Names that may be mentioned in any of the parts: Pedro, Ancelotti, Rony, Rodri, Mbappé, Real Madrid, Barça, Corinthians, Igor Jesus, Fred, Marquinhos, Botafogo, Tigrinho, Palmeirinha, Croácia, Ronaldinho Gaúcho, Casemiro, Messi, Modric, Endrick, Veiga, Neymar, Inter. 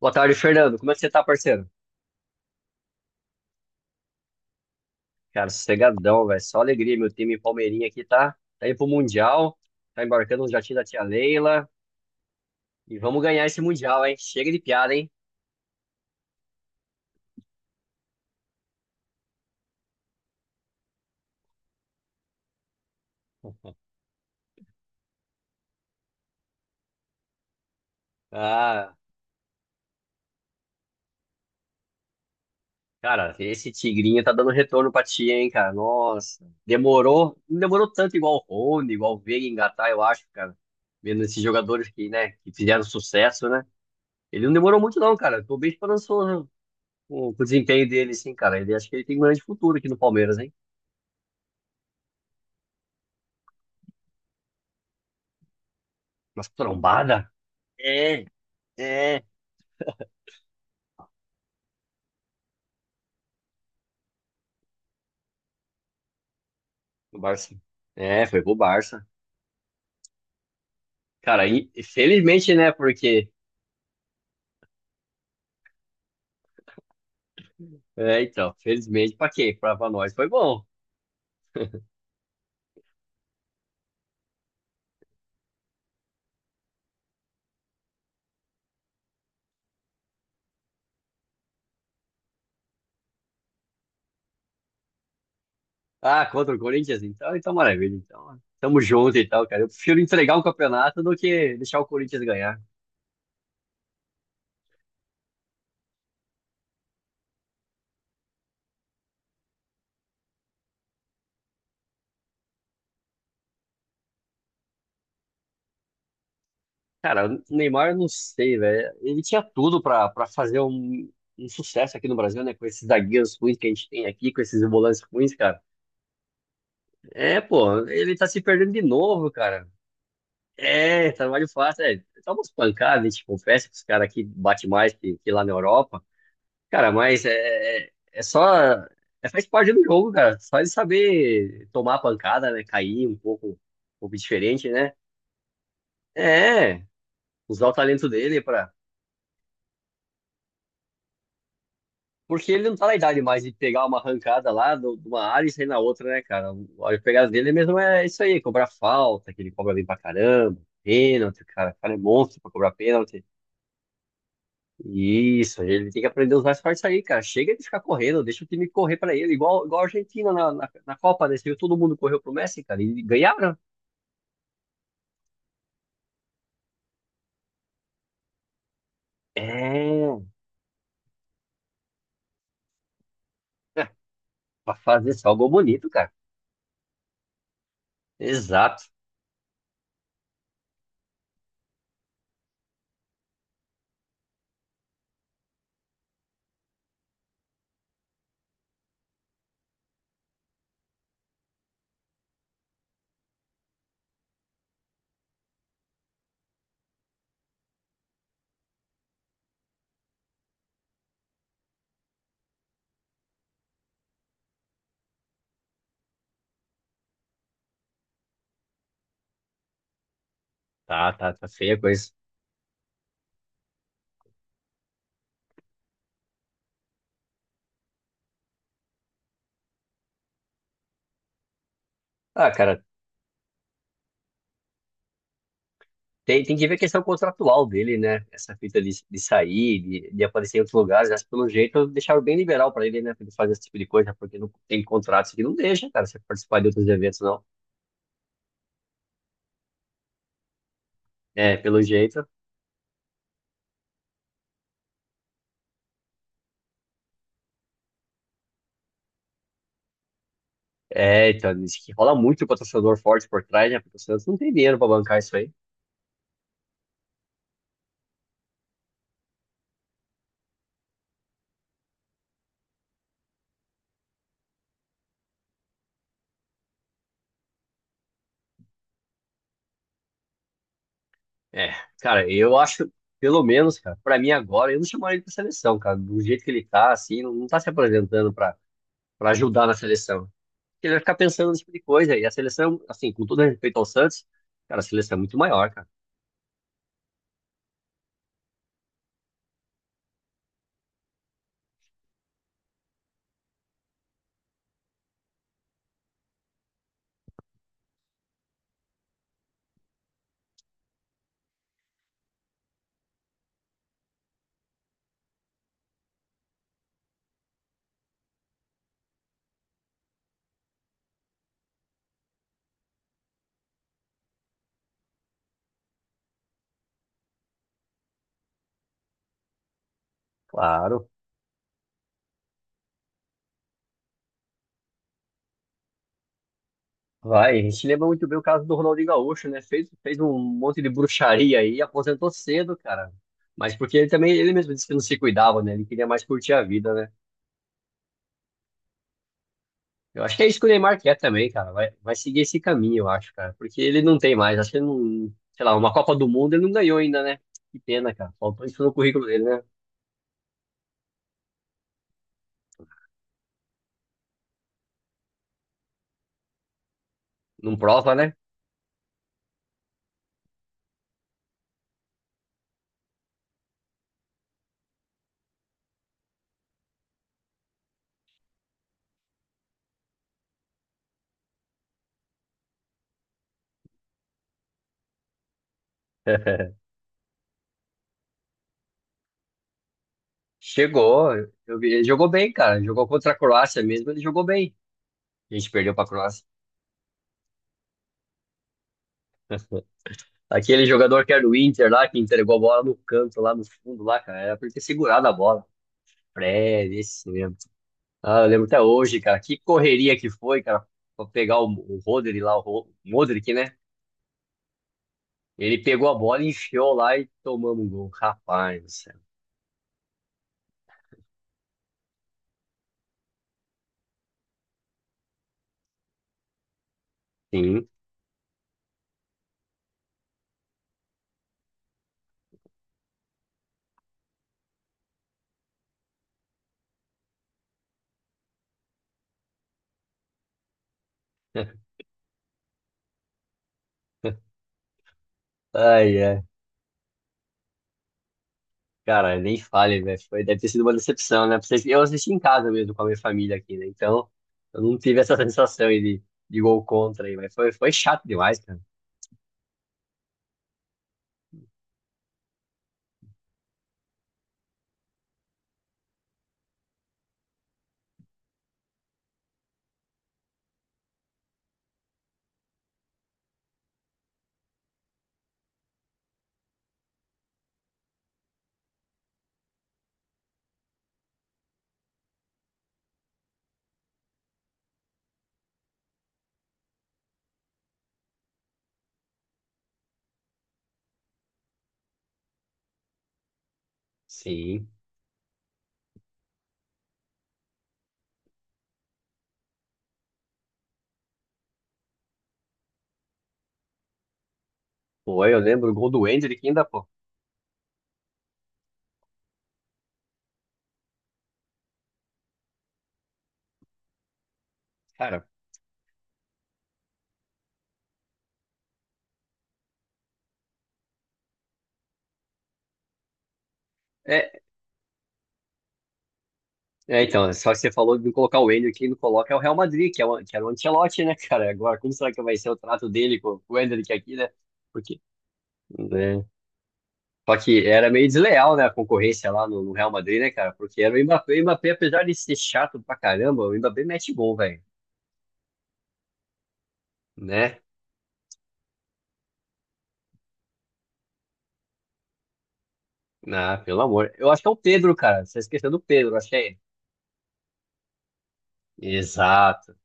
Boa tarde, Fernando. Como é que você tá, parceiro? Cara, sossegadão, velho. Só alegria. Meu time Palmeirinha aqui tá indo pro Mundial, tá embarcando no jatinho da tia Leila. E vamos ganhar esse Mundial, hein? Chega de piada, hein? Ah, cara, esse Tigrinho tá dando retorno pra tia, hein, cara? Nossa, demorou, não demorou tanto igual o Rony, igual o Veiga engatar, eu acho, cara. Vendo esses jogadores que, né, que fizeram sucesso, né? Ele não demorou muito, não, cara. Tô bem esperançoso com o desempenho dele, sim, cara. Ele acho que ele tem um grande futuro aqui no Palmeiras, hein? Mas trombada? É, é. O Barça. É, foi pro Barça. Cara, aí, felizmente, né? Porque. É, então, felizmente, pra quem? Pra nós foi bom. Ah, contra o Corinthians, então, então maravilha. Então, tamo junto e tal, cara. Eu prefiro entregar um campeonato do que deixar o Corinthians ganhar. Cara, o Neymar, eu não sei, velho. Ele tinha tudo pra fazer um, um sucesso aqui no Brasil, né? Com esses zagueiros ruins que a gente tem aqui, com esses volantes ruins, cara. É, pô, ele tá se perdendo de novo, cara. É, trabalho fácil, é. Toma umas pancadas, a gente confessa que os caras aqui batem mais que lá na Europa. Cara, mas é, é é só. É, faz parte do jogo, cara. Só de saber tomar a pancada, né? Cair um pouco diferente, né? É, usar o talento dele pra. Porque ele não tá na idade mais de pegar uma arrancada lá do- de uma área e sair na outra, né, cara? A pegada dele mesmo é isso aí, cobrar falta, que ele cobra bem pra caramba, pênalti, cara. O cara é monstro pra cobrar pênalti. Isso, ele tem que aprender os mais fortes aí, cara. Chega de ficar correndo, deixa o time correr pra ele, igual, igual a Argentina na Copa, né? Você viu, todo mundo correu pro Messi, cara, e ganharam. É, é, pra fazer só gol bonito, cara. Exato. Tá, tá, tá feia a coisa. Ah, cara, tem, tem que ver a questão contratual dele, né? Essa fita de sair, de aparecer em outros lugares, mas pelo jeito deixaram bem liberal pra ele, né? Pra ele fazer esse tipo de coisa, porque não tem contratos que não deixa, cara, você participar de outros eventos, não. É, pelo jeito. É, então, diz que rola muito patrocinador forte por trás, né? Porque o Santos não tem dinheiro pra bancar isso aí. É, cara, eu acho, pelo menos, cara, pra mim agora, eu não chamaria ele pra seleção, cara. Do jeito que ele tá, assim, não, não tá se apresentando pra ajudar na seleção. Ele vai ficar pensando nesse tipo de coisa. E a seleção, assim, com todo respeito ao Santos, cara, a seleção é muito maior, cara. Claro. Vai, a gente lembra muito bem o caso do Ronaldinho Gaúcho, né? Fez um monte de bruxaria aí, aposentou cedo, cara. Mas porque ele também, ele mesmo disse que não se cuidava, né? Ele queria mais curtir a vida, né? Eu acho que é isso que o Neymar quer também, cara. Vai, vai seguir esse caminho, eu acho, cara. Porque ele não tem mais. Acho que ele não. Sei lá, uma Copa do Mundo ele não ganhou ainda, né? Que pena, cara. Faltou isso no currículo dele, né? Não prova, né? Chegou. Eu vi- ele jogou bem, cara. Jogou contra a Croácia mesmo, ele jogou bem. A gente perdeu pra Croácia. Aquele jogador que era do Inter lá, que entregou a bola no canto, lá no fundo, lá, cara. Era pra ele ter segurado a bola. Fred, esse mesmo. Ah, eu lembro até hoje, cara. Que correria que foi, cara, pra pegar o Rodri lá, o Ro- Modric, né? Ele pegou a bola e enfiou lá e tomamos um gol. Rapaz, do céu. Sim. Ai, ai. Cara, nem fale, velho. Foi, deve ter sido uma decepção, né? Pra vocês. Eu assisti em casa mesmo com a minha família aqui, né? Então, eu não tive essa sensação aí de gol contra aí, mas foi, foi chato demais, cara. Sim. Foi, eu lembro o gol do Endrick ainda, pô. Cara, é, é, então, né? Só que você falou de colocar o Endrick, quem não coloca é o Real Madrid, que, é o, que era o Ancelotti, né, cara? Agora, como será que vai ser o trato dele com o Endrick aqui, né? Porque, né? Só que era meio desleal, né, a concorrência lá no Real Madrid, né, cara? Porque era o Mbappé, apesar de ser chato pra caramba, o Mbappé mete gol, velho, né? Ah, pelo amor. Eu acho que é o Pedro, cara. Você esqueceu do Pedro, acho que é ele. Exato.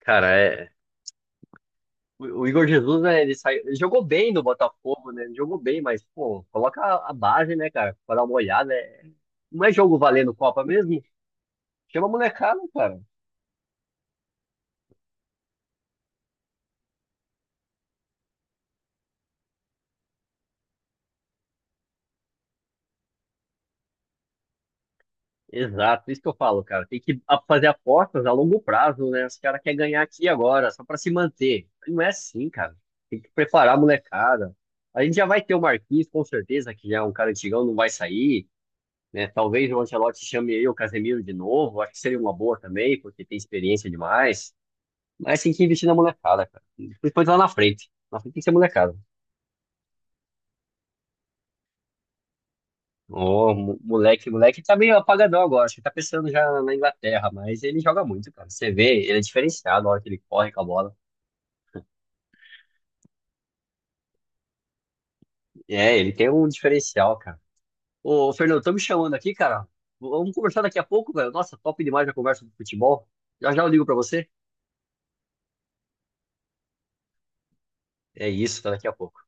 Cara, é. O Igor Jesus, né, ele saiu, ele jogou bem no Botafogo, né? Ele jogou bem, mas, pô, coloca a base, né, cara? Pra dar uma olhada. É- Não é jogo valendo Copa mesmo? Chama a molecada, cara. Exato, isso que eu falo, cara. Tem que a- fazer apostas a longo prazo, né? Os caras querem ganhar aqui e agora, só pra se manter. Não é assim, cara. Tem que preparar a molecada. A gente já vai ter o Marquinhos, com certeza, que já é um cara antigão, não vai sair, né? Talvez o Ancelotti chame aí o Casemiro de novo. Acho que seria uma boa também, porque tem experiência demais. Mas tem que investir na molecada, cara. Principalmente lá na frente. Na frente tem que ser molecada. Ô, mo- moleque, moleque tá meio apagadão agora, acho que tá pensando já na Inglaterra, mas ele joga muito, cara. Você vê, ele é diferenciado na hora que ele corre com a bola. É, ele tem um diferencial, cara. Ô, Fernando, tô me chamando aqui, cara. Vamos conversar daqui a pouco, velho. Nossa, top demais a conversa do futebol. Já já eu ligo pra você. É isso, tá daqui a pouco.